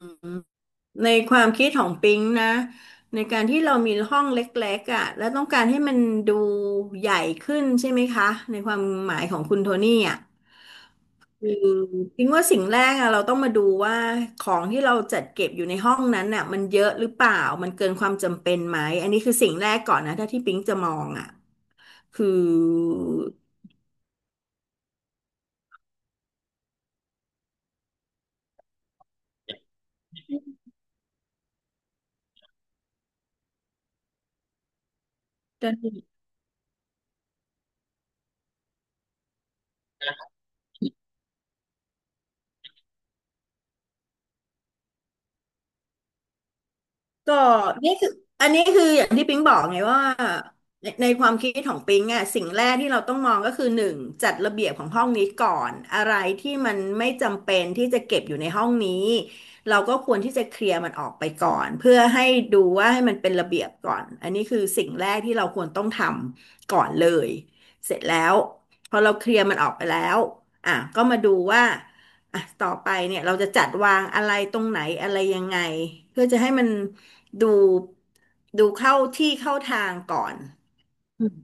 อืมในความคิดของปิงนะในการที่เรามีห้องเล็กๆอ่ะแล้วต้องการให้มันดูใหญ่ขึ้นใช่ไหมคะในความหมายของคุณโทนี่อ่ะคือปิงว่าสิ่งแรกอะเราต้องมาดูว่าของที่เราจัดเก็บอยู่ในห้องนั้นน่ะมันเยอะหรือเปล่ามันเกินความจำเป็นไหมอันนี้คือสิ่งแรกก่อนนะถ้าที่ปิงจะมองอ่ะคือ ก็นี่คืออันนี้คืออย่างที่ปิ๊งบอกไงว่าในความคิดของปิ๊งอ่ะสิ่งแรกที่เราต้องมองก็คือหนึ่งจัดระเบียบของห้องนี้ก่อนอะไรที่มันไม่จำเป็นที่จะเก็บอยู่ในห้องนี้เราก็ควรที่จะเคลียร์มันออกไปก่อนเพื่อให้ดูว่าให้มันเป็นระเบียบก่อนอันนี้คือสิ่งแรกที่เราควรต้องทำก่อนเลยเสร็จแล้วพอเราเคลียร์มันออกไปแล้วอ่ะก็มาดูว่าอ่ะต่อไปเนี่ยเราจะจัดวางอะไรตรงไหนอะไรยังไงเพื่อจะให้มัน ดูดูเข้าที่เข้าทางก่อนอืม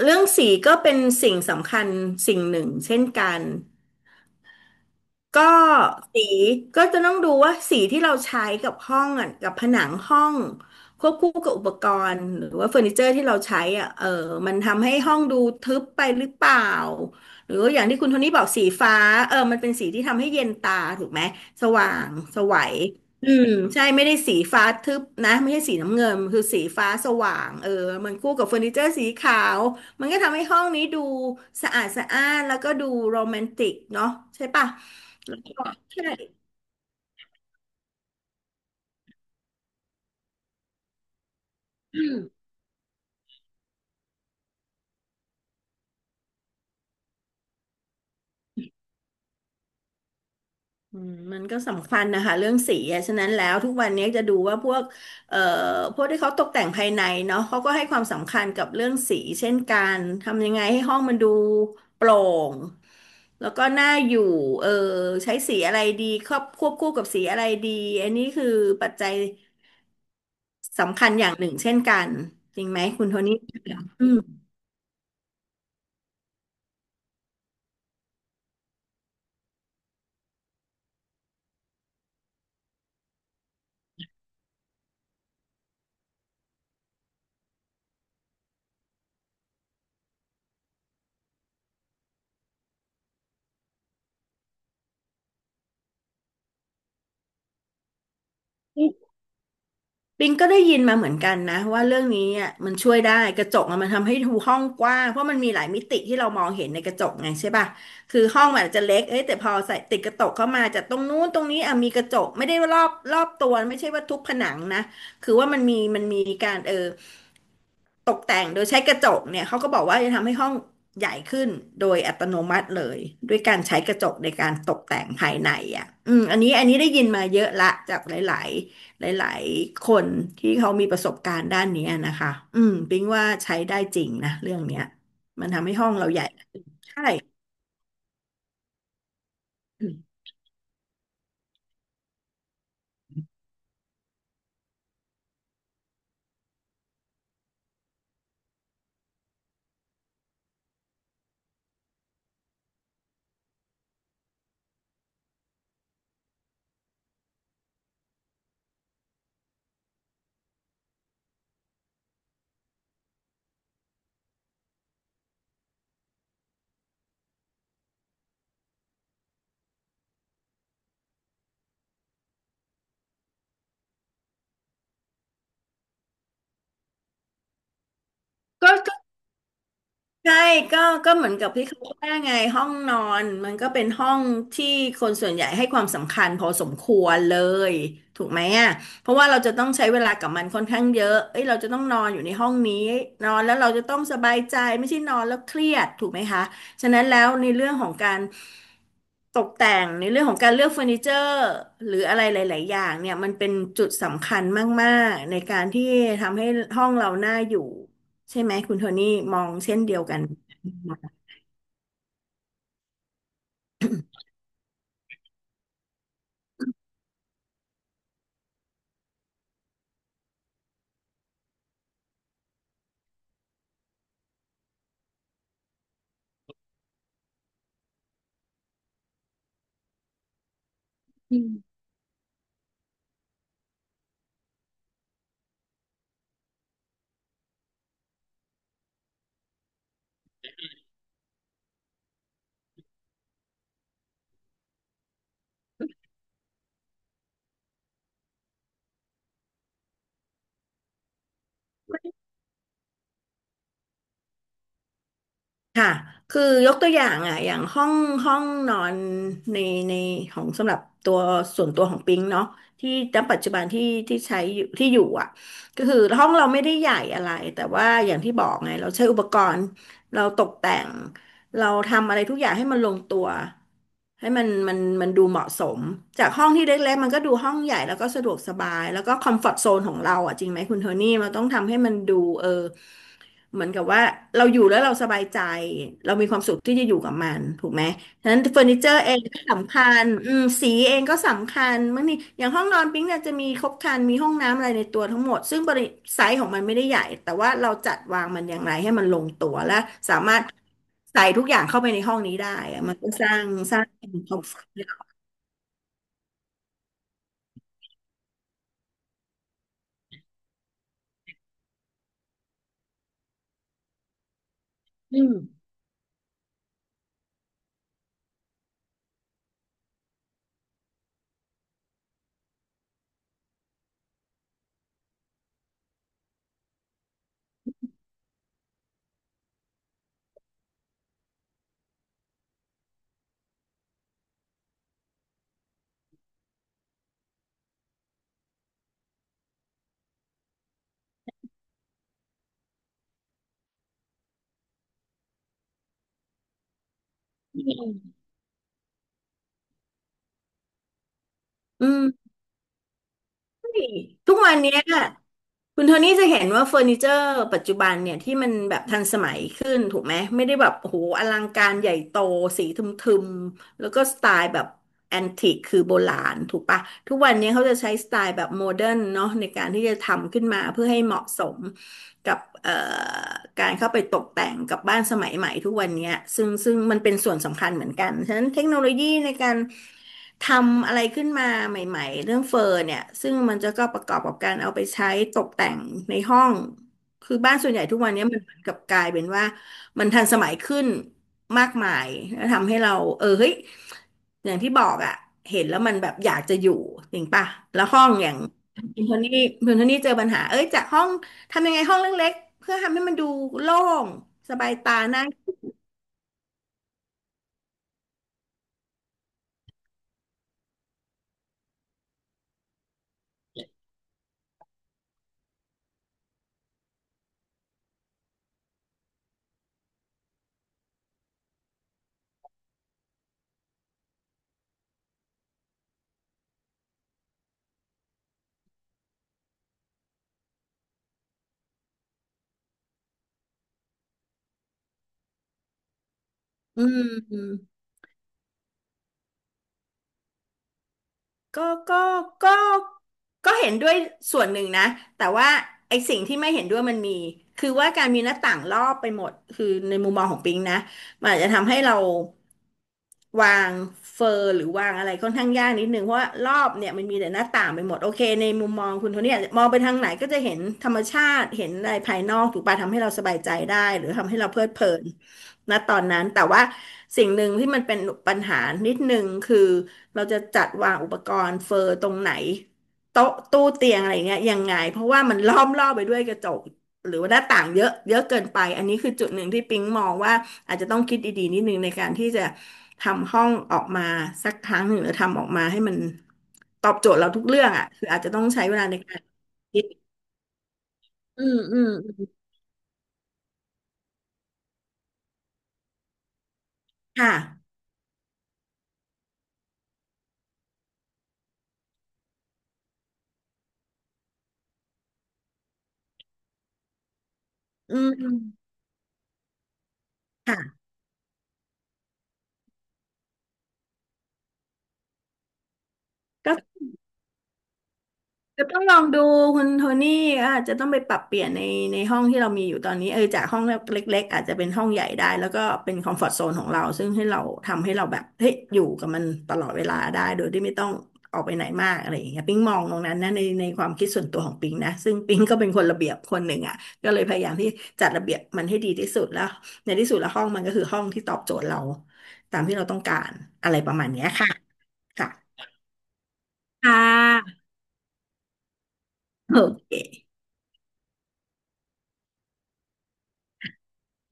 เรื่องสีก็เป็นสิ่งสำคัญสิ่งหนึ่งเช่นกัน ก็สีก็จะต้องดูว่าสีที่เราใช้กับห้องอ่ะกับผนังห้องควบคู่กับอุปกรณ์หรือว่าเฟอร์นิเจอร์ที่เราใช้อ่ะมันทำให้ห้องดูทึบไปหรือเปล่าหรือว่าอย่างที่คุณโทนี่บอกสีฟ้ามันเป็นสีที่ทำให้เย็นตาถูกไหมสว่างสวัยอืมใช่ไม่ได้สีฟ้าทึบนะไม่ใช่สีน้ำเงินคือสีฟ้าสว่างมันคู่กับเฟอร์นิเจอร์สีขาวมันก็ทำให้ห้องนี้ดูสะอาดสะอ้านแล้วก็ดูโรแมนติกเนาะใช่ปะ แล้วก็ใช่มันก็สำคัญนะคะเรื่องสีอะฉะนั้นแล้วทุกวันนี้จะดูว่าพวกเอ่อพวกที่เขาตกแต่งภายในเนาะเขาก็ให้ความสำคัญกับเรื่องสีเช่นกันทำยังไงให้ห้องมันดูโปร่งแล้วก็น่าอยู่เออใช้สีอะไรดีครอบควบคู่กับสีอะไรดีอันนี้คือปัจจัยสำคัญอย่างหนึ่งเช่นกันจริงไหมคุณโทนี่อืม ปิงก็ได้ยินมาเหมือนกันนะว่าเรื่องนี้อ่ะมันช่วยได้กระจกอะมันทำให้ดูห้องกว้างเพราะมันมีหลายมิติที่เรามองเห็นในกระจกไงใช่ป่ะคือห้องมันอาจจะเล็กเอ้ยแต่พอใส่ติดกระจกเข้ามาจากตรงนู้นตรงนี้อ่ะมีกระจกไม่ได้ว่ารอบตัวไม่ใช่ว่าทุกผนังนะคือว่ามันมีการตกแต่งโดยใช้กระจกเนี่ยเขาก็บอกว่าจะทำให้ห้องใหญ่ขึ้นโดยอัตโนมัติเลยด้วยการใช้กระจกในการตกแต่งภายในอ่ะอืมอันนี้อันนี้ได้ยินมาเยอะละจากหลายๆหลายๆคนที่เขามีประสบการณ์ด้านเนี้ยนะคะอืมปิ๊งว่าใช้ได้จริงนะเรื่องเนี้ยมันทำให้ห้องเราใหญ่ใช่ก็ ใช่ก็ก็เหมือนกับที่เขาว่าไงห้องนอนมันก็เป็นห้องที่คนส่วนใหญ่ให้ความสำคัญพอสมควรเลยถูกไหมอ่ะเพราะว่าเราจะต้องใช้เวลากับมันค่อนข้างเยอะเอ้ยเราจะต้องนอนอยู่ในห้องนี้นอนแล้วเราจะต้องสบายใจไม่ใช่นอนแล้วเครียดถูกไหมคะฉะนั้นแล้วในเรื่องของการตกแต่งในเรื่องของการเลือกเฟอร์นิเจอร์หรืออะไรหลายๆอย่างเนี่ยมันเป็นจุดสำคัญมากๆในการที่ทำให้ห้องเราน่าอยู่ ใช่ไหมคุณโทนี่มองเช่นเดียวกันม ค่ะคือยกตัวอย่างอ่ะอย่างห้องห้องนอนในในของสำหรับตัวส่วนตัวของปิงเนาะที่ณปัจจุบันที่ใช้อยู่ที่อยู่อ่ะก็คือห้องเราไม่ได้ใหญ่อะไรแต่ว่าอย่างที่บอกไงเราใช้อุปกรณ์เราตกแต่งเราทำอะไรทุกอย่างให้มันลงตัวให้มันมันดูเหมาะสมจากห้องที่เล็กๆมันก็ดูห้องใหญ่แล้วก็สะดวกสบายแล้วก็คอมฟอร์ตโซนของเราอ่ะจริงไหมคุณโทนี่เราต้องทำให้มันดูเออ เหมือนกับว่าเราอยู่แล้วเราสบายใจเรามีความสุขที่จะอยู่กับมันถูกไหมฉะนั้นเฟอร์นิเจอร์เองก็สำคัญอืมสีเองก็สำคัญบางทีอย่างห้องนอนปิ๊งเนี่ยจะมีครบครันมีห้องน้ำอะไรในตัวทั้งหมดซึ่งบริไซส์ของมันไม่ได้ใหญ่แต่ว่าเราจัดวางมันอย่างไรให้มันลงตัวและสามารถใส่ทุกอย่างเข้าไปในห้องนี้ได้อะมันก็สร้างความสุขอืม ทุกวันเนี้ยคุณโทนี่จะเห็นว่าเฟอร์นิเจอร์ปัจจุบันเนี่ยที่มันแบบทันสมัยขึ้นถูกไหมไม่ได้แบบโอ้โหอลังการใหญ่โตสีทึม แล้วก็สไตล์แบบแอนติกคือโบราณถูกปะทุกวันนี้เขาจะใช้สไตล์แบบโมเดิร์นเนาะในการที่จะทำขึ้นมาเพื่อให้เหมาะสมกับการเข้าไปตกแต่งกับบ้านสมัยใหม่ทุกวันนี้ซึ่งมันเป็นส่วนสำคัญเหมือนกันฉะนั้นเทคโนโลยีในการทำอะไรขึ้นมาใหม่ๆเรื่องเฟอร์เนี่ยซึ่งมันจะก็ประกอบกับการเอาไปใช้ตกแต่งในห้องคือบ้านส่วนใหญ่ทุกวันนี้มันเหมือนกับกลายเป็นว่า มันทันสมัยขึ้นมากมายแล้วทำให้เราเออเฮ้ยอย่างที่บอกอะเห็นแล้วมันแบบอยากจะอยู่จริงป่ะแล้วห้องอย่างคุณโทนี่คุณโทนี่เจอปัญหาเอ้ยจากห้องทำยังไงห้องเล็กๆเพื่อทำให้มันดูโล่งสบายตาน่าอืมก็ก็ก็ก็เห็นด้วยส่วนหนึ่งนะแต่ว่าไอ้สิ่งที่ไม่เห็นด้วยมันมีคือว่าการมีหน้าต่างรอบไปหมดคือในมุมมองของปิงนะ มันอาจจะทำให้เราวางเฟอร์หรือวางอะไรค่อนข้างยากนิดนึงเพราะว่ารอบเนี่ยมันมีแต่หน้าต่างไปหมดโอเคในมุมมองคุณโทนี่อาจจะมองไปทางไหนก็จะเห็นธรรมชาติเห็นอะไรภายนอกถูกปะทำให้เราสบายใจได้หรือทำให้เราเพลิดเพลินณตอนนั้นแต่ว่าสิ่งหนึ่งที่มันเป็นปัญหานิดนึงคือเราจะจัดวางอุปกรณ์เฟอร์ตรงไหนโต๊ะตู้เตียงอะไรเงี้ยยังไงเพราะว่ามันล้อมรอบไปด้วยกระจก หรือว่าหน้าต่างเยอะเยอะเกินไปอันนี้คือจุดหนึ่งที่ปิ๊งมองว่าอาจจะต้องคิดดีๆนิดนึงในการที่จะทำห้องออกมาสักครั้งหนึ่งหรือทำออกมาให้มันตอบโจทย์เราทุกเรื่องอ่ะคืออาจจะต้องใช้เวลาในการคิดอืมอืมอืมค่ะอืมค่ะก็ จะต้องลองดูคุณโทนี่อาจจะต้องไปปรับเปลี่ยนในในห้องที่เรามีอยู่ตอนนี้เออจากห้องเล็กๆอาจจะเป็นห้องใหญ่ได้แล้วก็เป็นคอมฟอร์ z โซนของเราซึ่งให้เราทำให้เราแบบเฮ้ยอยู่กับมันตลอดเวลาได้โดยที่ไม่ต้องออกไปไหนมากอะไรอย่างเงี้ยปิ๊งมองตรงนั้นนะในในความคิดส่วนตัวของปิ๊งนะซึ่งปิ๊งก็เป็นคนระเบียบคนหนึ่งอ่ะก็เลยพยายามที่จัดระเบียบมันให้ดีที่สุดแล้วในที่สุดแล้วห้องมันก็คือห้องที่ตอบโจทย์เราตามที่เราต้องการอะไรประมาณเนี้ยค่ะค่ะค่ะโอเค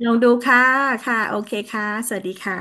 ลองดูค่ะ ค่ะ โอเคค่ะ สวัสดีค่ะ